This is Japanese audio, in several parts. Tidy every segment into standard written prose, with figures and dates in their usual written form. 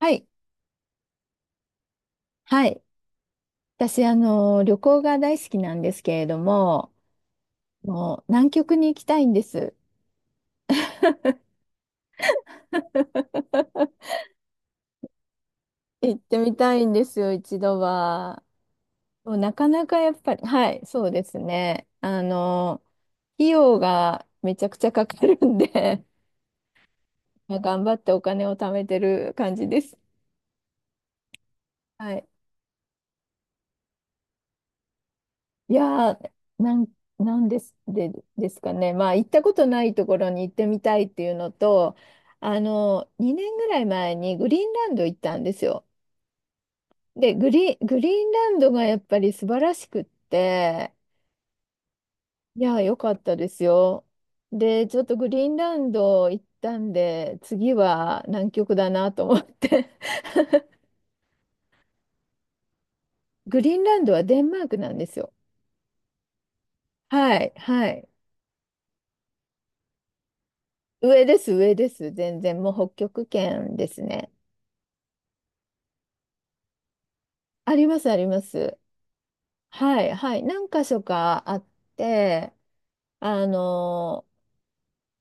はい。はい。私、旅行が大好きなんですけれども、もう南極に行きたいんです。行ってみたいんですよ、一度は。もうなかなかやっぱり、はい、そうですね。費用がめちゃくちゃかかるんで まあ頑張ってお金を貯めてる感じです。はい。いやー、なん、なんです、で、ですかね。まあ、行ったことないところに行ってみたいっていうのと、2年ぐらい前にグリーンランド行ったんですよ。で、グリーンランドがやっぱり素晴らしくって、いや、良かったですよ。で、ちょっとグリーンランド行ったんで、次は南極だなと思って。グリーンランドはデンマークなんですよ。はい、はい。上です、上です。全然、もう北極圏ですね。あります、あります。はい、はい。何箇所かあって、あの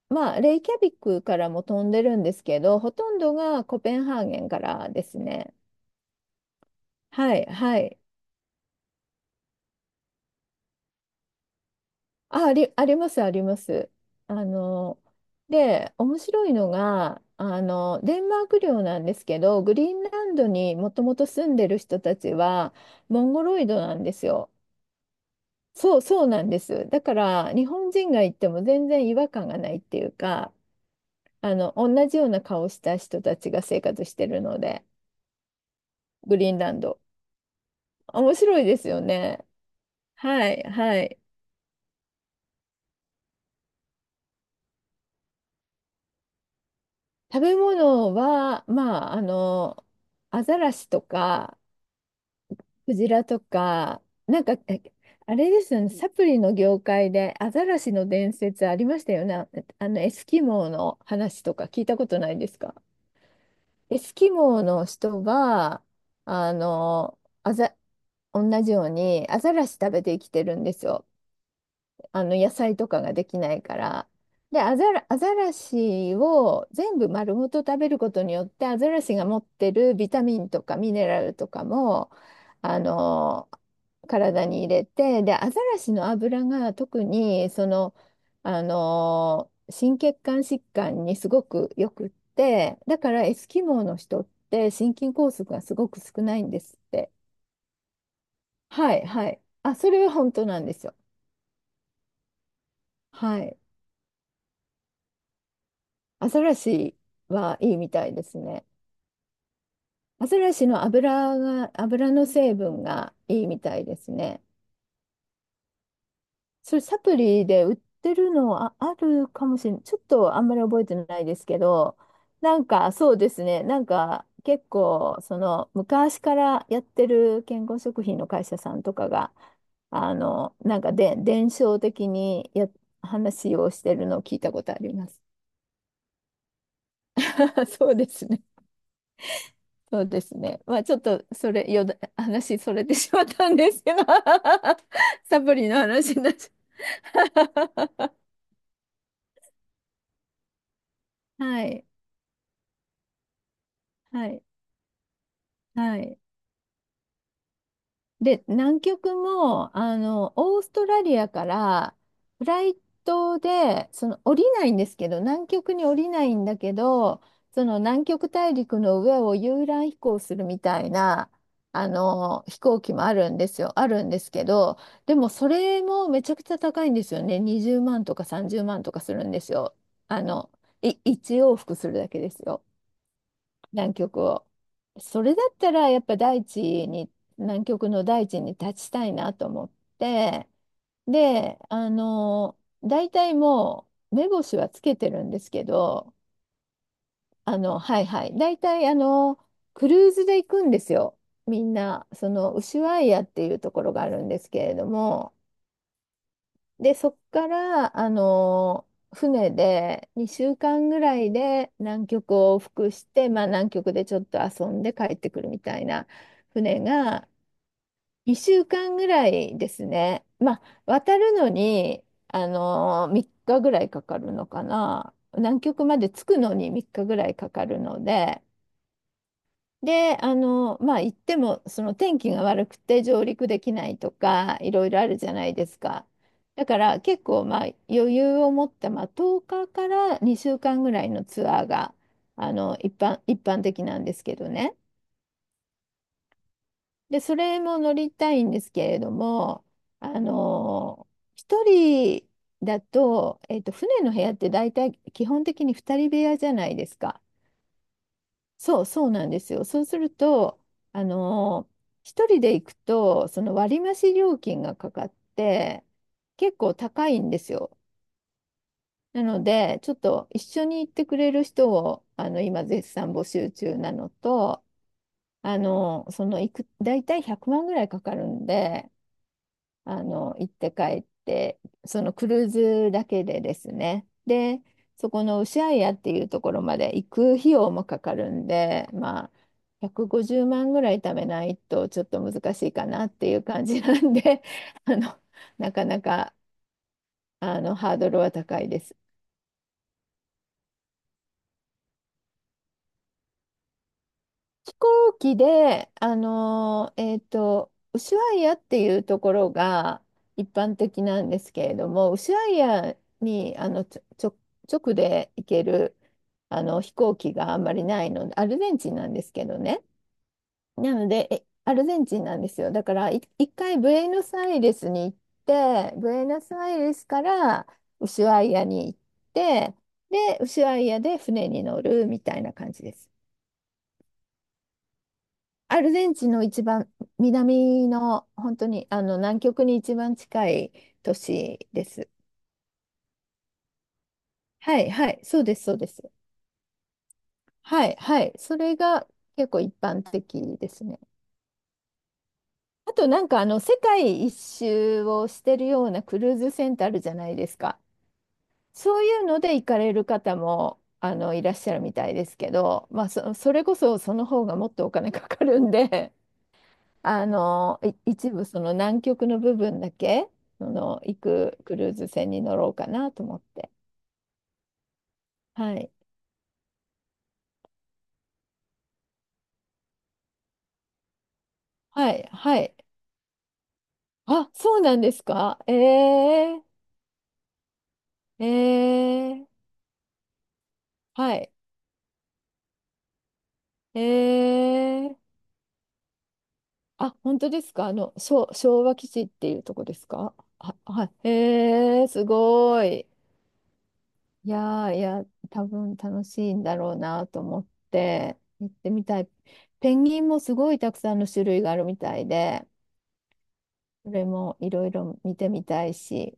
まあ、レイキャビックからも飛んでるんですけど、ほとんどがコペンハーゲンからですね。はい、はい。あ、あり、あります、あります。あの、で、面白いのが、デンマーク領なんですけど、グリーンランドにもともと住んでる人たちは、モンゴロイドなんですよ。そうなんです。だから、日本人が行っても全然違和感がないっていうか、同じような顔した人たちが生活してるので、グリーンランド。面白いですよね。はい、はい。食べ物は、まあ、アザラシとか、クジラとか、あれですよね、サプリの業界でアザラシの伝説ありましたよね。エスキモーの話とか聞いたことないですか？エスキモーの人は、あの、アザ、同じようにアザラシ食べて生きてるんですよ。あの野菜とかができないから。で、アザラシを全部丸ごと食べることによって、アザラシが持ってるビタミンとかミネラルとかも、あの、体に入れて、で、アザラシの油が特に、心血管疾患にすごくよくって、だからエスキモーの人って心筋梗塞がすごく少ないんですって。はい、はい。あ、それは本当なんですよ。はい。アザラシはいいみたいですね。アザラシの油が、油の成分がいいみたいですね。それサプリで売ってるのあるかもしれない。ちょっとあんまり覚えてないですけど、なんかそうですね。なんか結構その昔からやってる健康食品の会社さんとかが、なんかで伝承的に話をしてるのを聞いたことあります。そうですね。そうですね。まあちょっとそれ、よだ、話それてしまったんですけど サプリの話になっちゃう はい。はい。はい。で、南極も、オーストラリアからフライトで、その降りないんですけど、南極に降りないんだけど、その南極大陸の上を遊覧飛行するみたいな、飛行機もあるんですよ。あるんですけど、でもそれもめちゃくちゃ高いんですよね。20万とか30万とかするんですよ。あの、1往復するだけですよ。南極を。それだったらやっぱ大地に、南極の大地に立ちたいなと思って、で、大体もう目星はつけてるんですけど、はいはい、大体クルーズで行くんですよ。みんな、その、ウシュアイアっていうところがあるんですけれども、で、そっから、船で2週間ぐらいで南極を往復して、まあ、南極でちょっと遊んで帰ってくるみたいな、船が2週間ぐらいですね。まあ、渡るのに、あの3日ぐらいかかるのかな。南極まで着くのに3日ぐらいかかるので、で、あの、まあ、行っても、その天気が悪くて上陸できないとか、いろいろあるじゃないですか。だから結構、まあ、余裕を持った、まあ、10日かから2週間ぐらいのツアーが、一般的なんですけどね。で、それも乗りたいんですけれども、あの、一人だと、えっと、船の部屋って大体基本的に二人部屋じゃないですか。そうなんですよ。そうすると、あのー一人で行くと、その割増料金がかかって、結構高いんですよ。なので、ちょっと一緒に行ってくれる人を、今絶賛募集中なのと、あのーその行く、大体100万ぐらいかかるんで、行って帰って、そのクルーズだけでですね。で、そこのウシャイアっていうところまで行く費用もかかるんで、まあ、150万ぐらい貯めないとちょっと難しいかなっていう感じなんで、あの、なかなか、あの、ハードルは高いです。飛行機で、ウシュアイアっていうところが一般的なんですけれども、ウシュアイアにあのちょ、ちょ、直で行けるあの飛行機があんまりないので、アルゼンチンなんですけどね。なので、アルゼンチンなんですよ。だから、一回ブエノスアイレスに行って、ブエノスアイレスからウシュアイアに行って、で、ウシュアイアで船に乗るみたいな感じです。アルゼンチンの一番南の本当にあの南極に一番近い都市です。はいはい、そうです、そうです。はいはい、それが結構一般的ですね。あとなんかあの世界一周をしてるようなクルーズ船ってあるじゃないですか。そういうので行かれる方もあのいらっしゃるみたいですけど、まあ、それこそその方がもっとお金かかるんで、一部その南極の部分だけ、その行くクルーズ船に乗ろうかなと思って。はい。はい。はい。あ、そうなんですか？ええ。ええ。はい。ええ。あ、本当ですか？昭和基地っていうとこですか？あ、はい。ええ、すごい。いやー、いや、多分楽しいんだろうなと思って、行ってみたい。ペンギンもすごいたくさんの種類があるみたいで、それもいろいろ見てみたいし。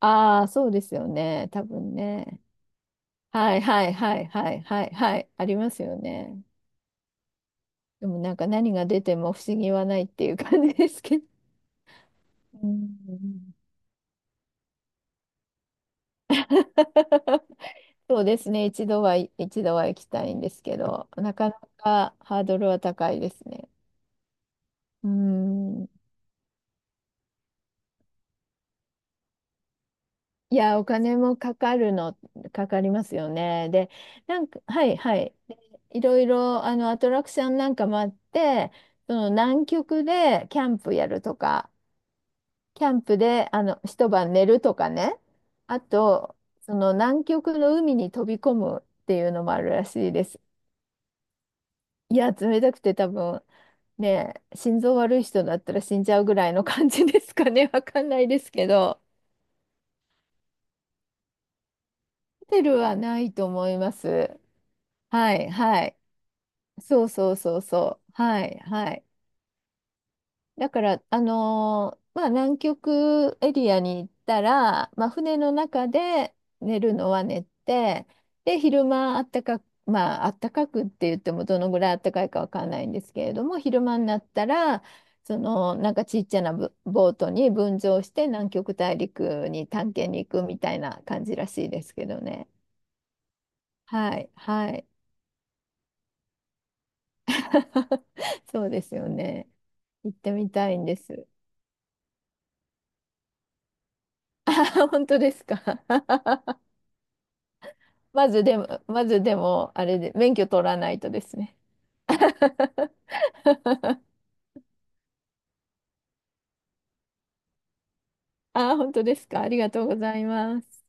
ああ、そうですよね。多分ね。はいはいはいはいはいはい。ありますよね。でもなんか何が出ても不思議はないっていう感じですけど。うん。 そうですね。一度は、一度は行きたいんですけど、なかなかハードルは高いですね。うん。いや、お金もかかるの、かかりますよね。で、なんか、はいはい。で、いろいろ、アトラクションなんかもあって、その南極でキャンプやるとか、キャンプで、一晩寝るとかね。あと、その南極の海に飛び込むっていうのもあるらしいです。いや、冷たくて多分、ね、心臓悪い人だったら死んじゃうぐらいの感じですかね。わかんないですけど、ホテルはないと思います。はいはい。そうそうそうそう。はいはい。だから、まあ、南極エリアに行ったら、まあ、船の中で寝るのは寝て、で、昼間あったかく、まあ、あったかくって言ってもどのぐらいあったかいかわかんないんですけれども、昼間になったら、なんかちっちゃなボートに分乗して南極大陸に探検に行くみたいな感じらしいですけどね。はいはい。そうですよね。行ってみたいんです。あ、本当ですか？まずでも、あれで、免許取らないとですね。あ、本当ですか？ありがとうございます。